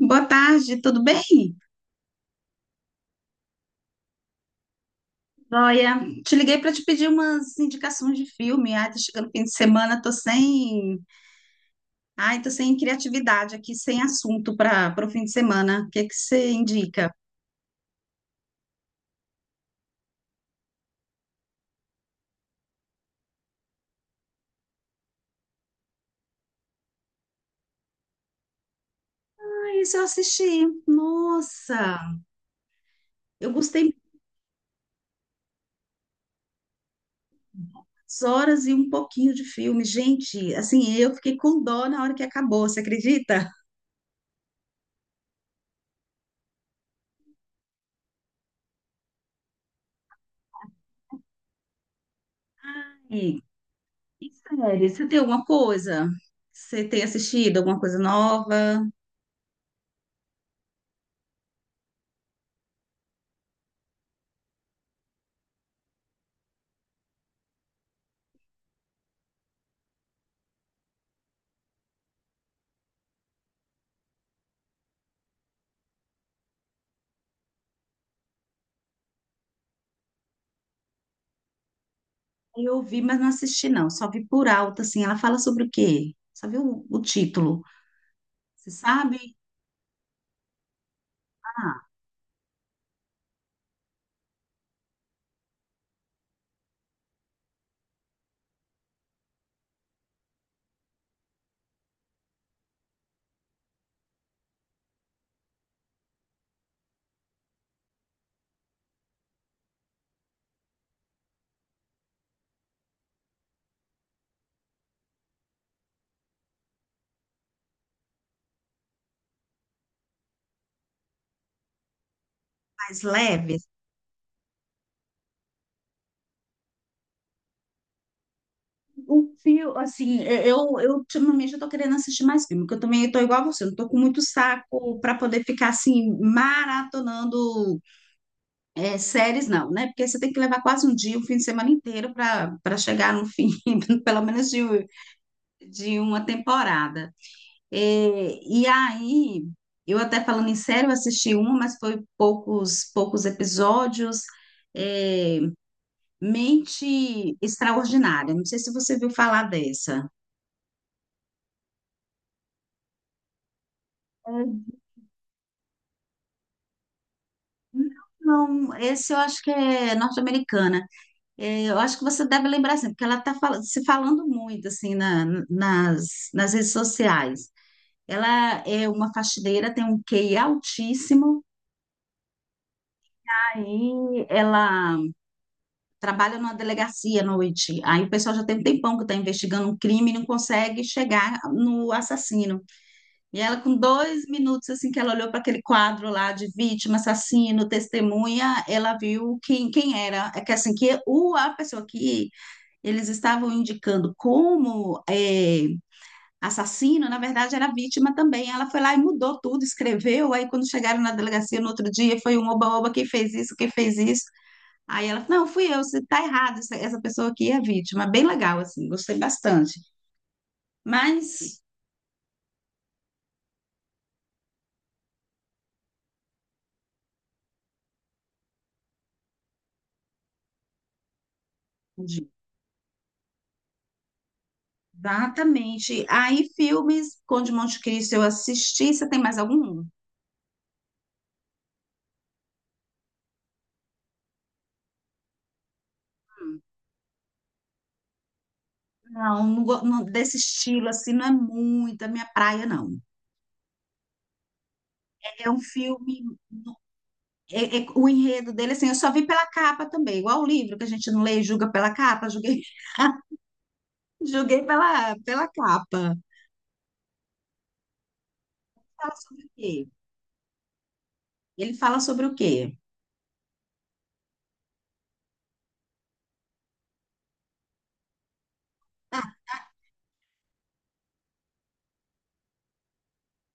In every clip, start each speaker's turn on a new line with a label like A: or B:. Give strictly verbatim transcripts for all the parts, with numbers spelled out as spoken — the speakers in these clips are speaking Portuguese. A: Boa tarde, tudo bem? Olha, te liguei para te pedir umas indicações de filme. Ai, tá chegando o fim de semana, tô sem, ai, tô sem criatividade aqui, sem assunto para o fim de semana. O que é que você indica? Ah, isso eu assisti. Nossa, eu gostei muitas horas e um pouquinho de filme. Gente, assim, eu fiquei com dó na hora que acabou, você acredita? E, e série, você tem alguma coisa? Você tem assistido alguma coisa nova? Eu vi, mas não assisti, não. Só vi por alto, assim. Ela fala sobre o quê? Só vi o, o título. Você sabe? Ah, mais leve. Um fio, assim, eu, eu ultimamente eu tô querendo assistir mais filme, porque eu também tô igual a você, eu não tô com muito saco para poder ficar, assim, maratonando é, séries, não, né? Porque você tem que levar quase um dia, um fim de semana inteiro para para chegar no fim, pelo menos de, de uma temporada. É, e aí, eu até falando em série, eu assisti uma, mas foi poucos, poucos episódios. É, Mente Extraordinária. Não sei se você viu falar dessa. Uhum. Não, esse eu acho que é norte-americana. É, eu acho que você deve lembrar, assim, porque ela está se falando muito, assim, na- nas, nas redes sociais. Ela é uma faxineira, tem um Q I altíssimo. Aí ela trabalha numa delegacia à noite. Aí o pessoal já tem um tempão que está investigando um crime e não consegue chegar no assassino. E ela, com dois minutos, assim, que ela olhou para aquele quadro lá de vítima, assassino, testemunha, ela viu quem, quem era. É que assim, que o, a pessoa que eles estavam indicando como é, assassino, na verdade, era vítima também. Ela foi lá e mudou tudo, escreveu. Aí, quando chegaram na delegacia no outro dia, foi um oba-oba, quem fez isso, quem fez isso. Aí ela, falou, não, fui eu, você tá errado, essa, essa pessoa aqui é vítima. Bem legal, assim, gostei bastante. Mas, exatamente. Aí, filmes, Conde de Monte Cristo eu assisti, você tem mais algum? Não, não, go- não- desse estilo, assim, não é muito a minha praia, não. É um filme, é- é- o enredo dele, assim, eu só vi pela capa também, igual o livro que a gente não lê e julga pela capa, julguei, julguei pela, pela capa. Fala sobre o quê? Ele fala sobre o quê?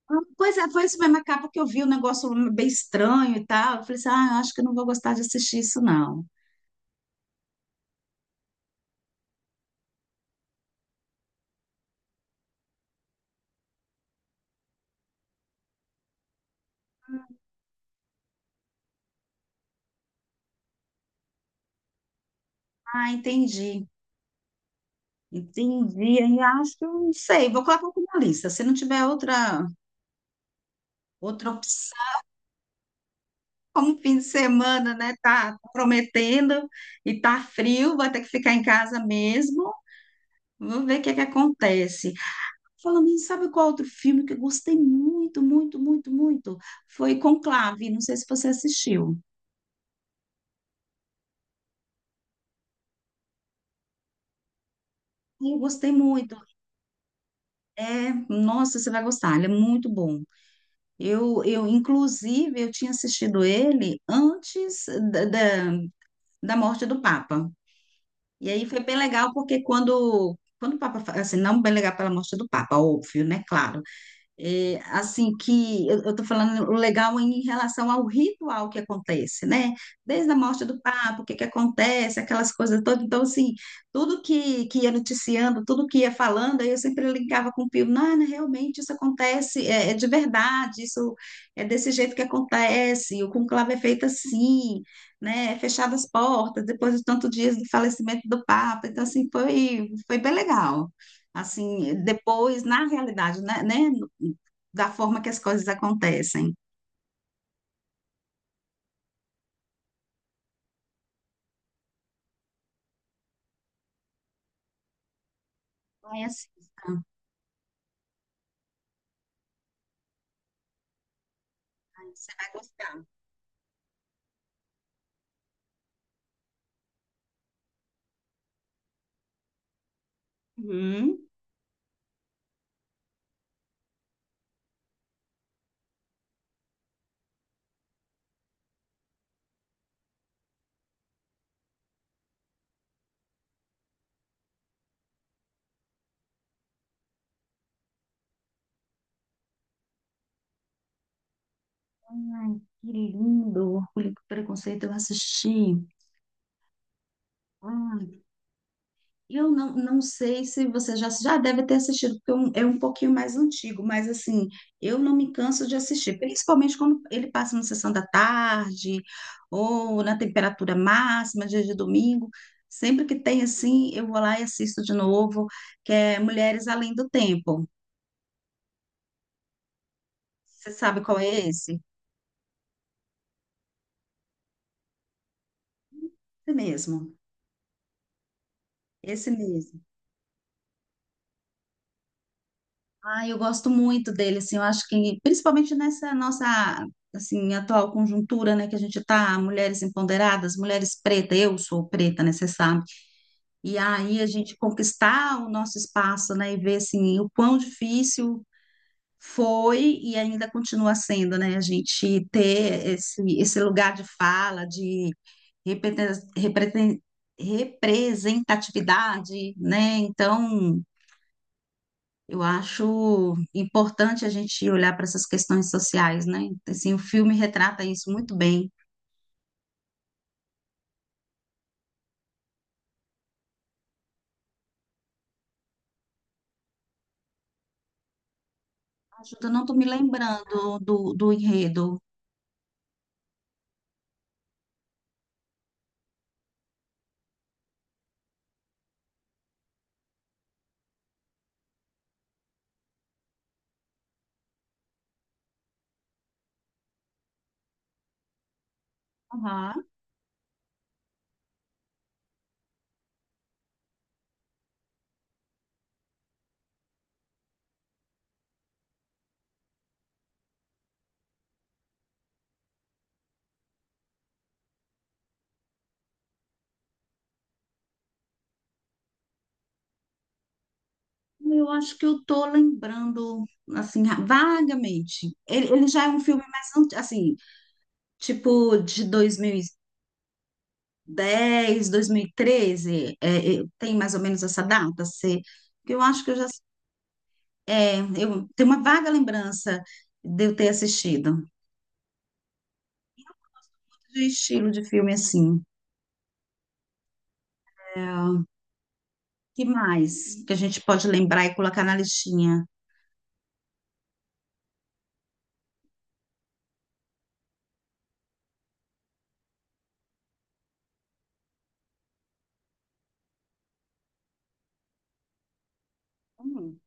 A: Ah, pois é, foi isso mesmo, acaba que eu vi um negócio bem estranho e tal. Eu falei assim, ah, acho que eu não vou gostar de assistir isso, não. Ah, entendi, entendi. Aí acho que eu não sei, vou colocar aqui na lista. Se não tiver outra, outra opção, como fim de semana, né? Tá prometendo e tá frio, vai ter que ficar em casa mesmo. Vou ver o que é que acontece. Falando nisso, sabe qual outro filme que eu gostei muito, muito, muito, muito? Foi Conclave, não sei se você assistiu. Eu gostei muito. É, nossa, você vai gostar, ele é muito bom. Eu, eu, inclusive, eu tinha assistido ele antes da, da, da morte do Papa. E aí foi bem legal, porque quando, quando o Papa, fa- assim, não bem legal pela morte do Papa, óbvio, né? Claro. É, assim que eu estou falando o legal em relação ao ritual que acontece, né? Desde a morte do Papa, o que que acontece, aquelas coisas todas. Então, assim, tudo que, que ia noticiando, tudo que ia falando, aí eu sempre ligava com o Pio, não, não, realmente isso acontece, é, é de verdade, isso é desse jeito que acontece, o conclave é feito assim, né? É fechado as portas, depois de tantos dias do falecimento do Papa. Então, assim, foi, foi bem legal assim, depois, na realidade, né, né? da forma que as coisas acontecem. Ai, assista. Ai, você vai gostar. Uhum. Ai, que lindo. Orgulho e Preconceito, eu assisti. Ai, eu não, não sei se você já, já deve ter assistido, porque é um, é um pouquinho mais antigo, mas assim, eu não me canso de assistir, principalmente quando ele passa na sessão da tarde ou na temperatura máxima, dia de domingo. Sempre que tem assim, eu vou lá e assisto de novo, que é Mulheres Além do Tempo. Você sabe qual é esse? Esse mesmo, esse mesmo. Ah, eu gosto muito dele, assim, eu acho que, principalmente nessa nossa, assim, atual conjuntura, né, que a gente tá, mulheres empoderadas, mulheres pretas, eu sou preta, né, você sabe? E aí a gente conquistar o nosso espaço, né, e ver, assim, o quão difícil foi e ainda continua sendo, né, a gente ter esse, esse lugar de fala, de represen- represen- representatividade, né, então... Eu acho importante a gente olhar para essas questões sociais, né? Assim, o filme retrata isso muito bem. Ajuda, eu não estou me lembrando do, do enredo. Aham. Eu acho que eu tô lembrando, assim, vagamente. Ele, ele já é um filme mais, anti- assim, tipo de dois mil e dez, dois mil e treze, é, é, tem mais ou menos essa data, se, que eu acho que eu já, é, eu tenho uma vaga lembrança de eu ter assistido. De estilo de filme assim. É, que mais que a gente pode lembrar e colocar na listinha? Hum.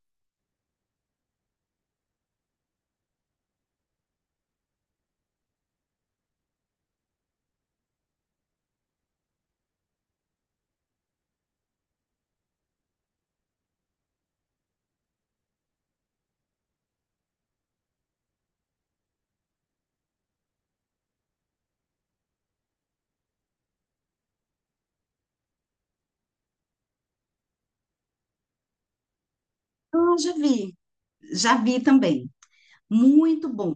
A: Ah, já vi, já vi também. Muito bom,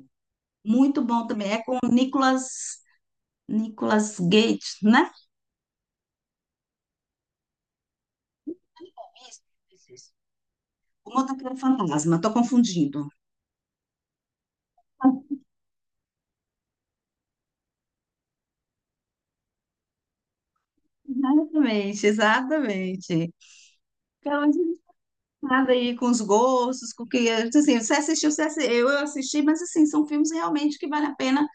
A: muito bom também. É com o Nicolas, Nicolas Gates, né? Isso, isso, isso. O motoqueiro fantasma, estou confundindo. Exatamente, exatamente. Nada aí com os gostos, com o que é. Então, assim, você assistiu, você assi- eu eu assisti, mas assim, são filmes realmente que vale a pena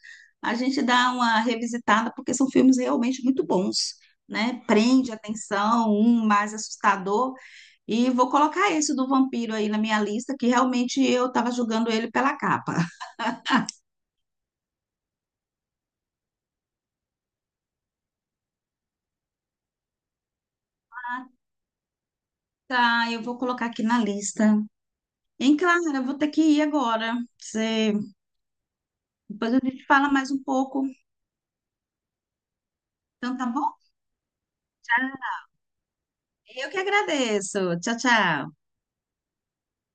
A: a gente dar uma revisitada, porque são filmes realmente muito bons, né? Prende a atenção, um mais assustador, e vou colocar esse do vampiro aí na minha lista, que realmente eu estava julgando ele pela capa. Ah, tá, eu vou colocar aqui na lista. Hein, Clara, eu vou ter que ir agora. Você... Depois a gente fala mais um pouco. Então tá bom? Tchau. Eu que agradeço. Tchau, tchau.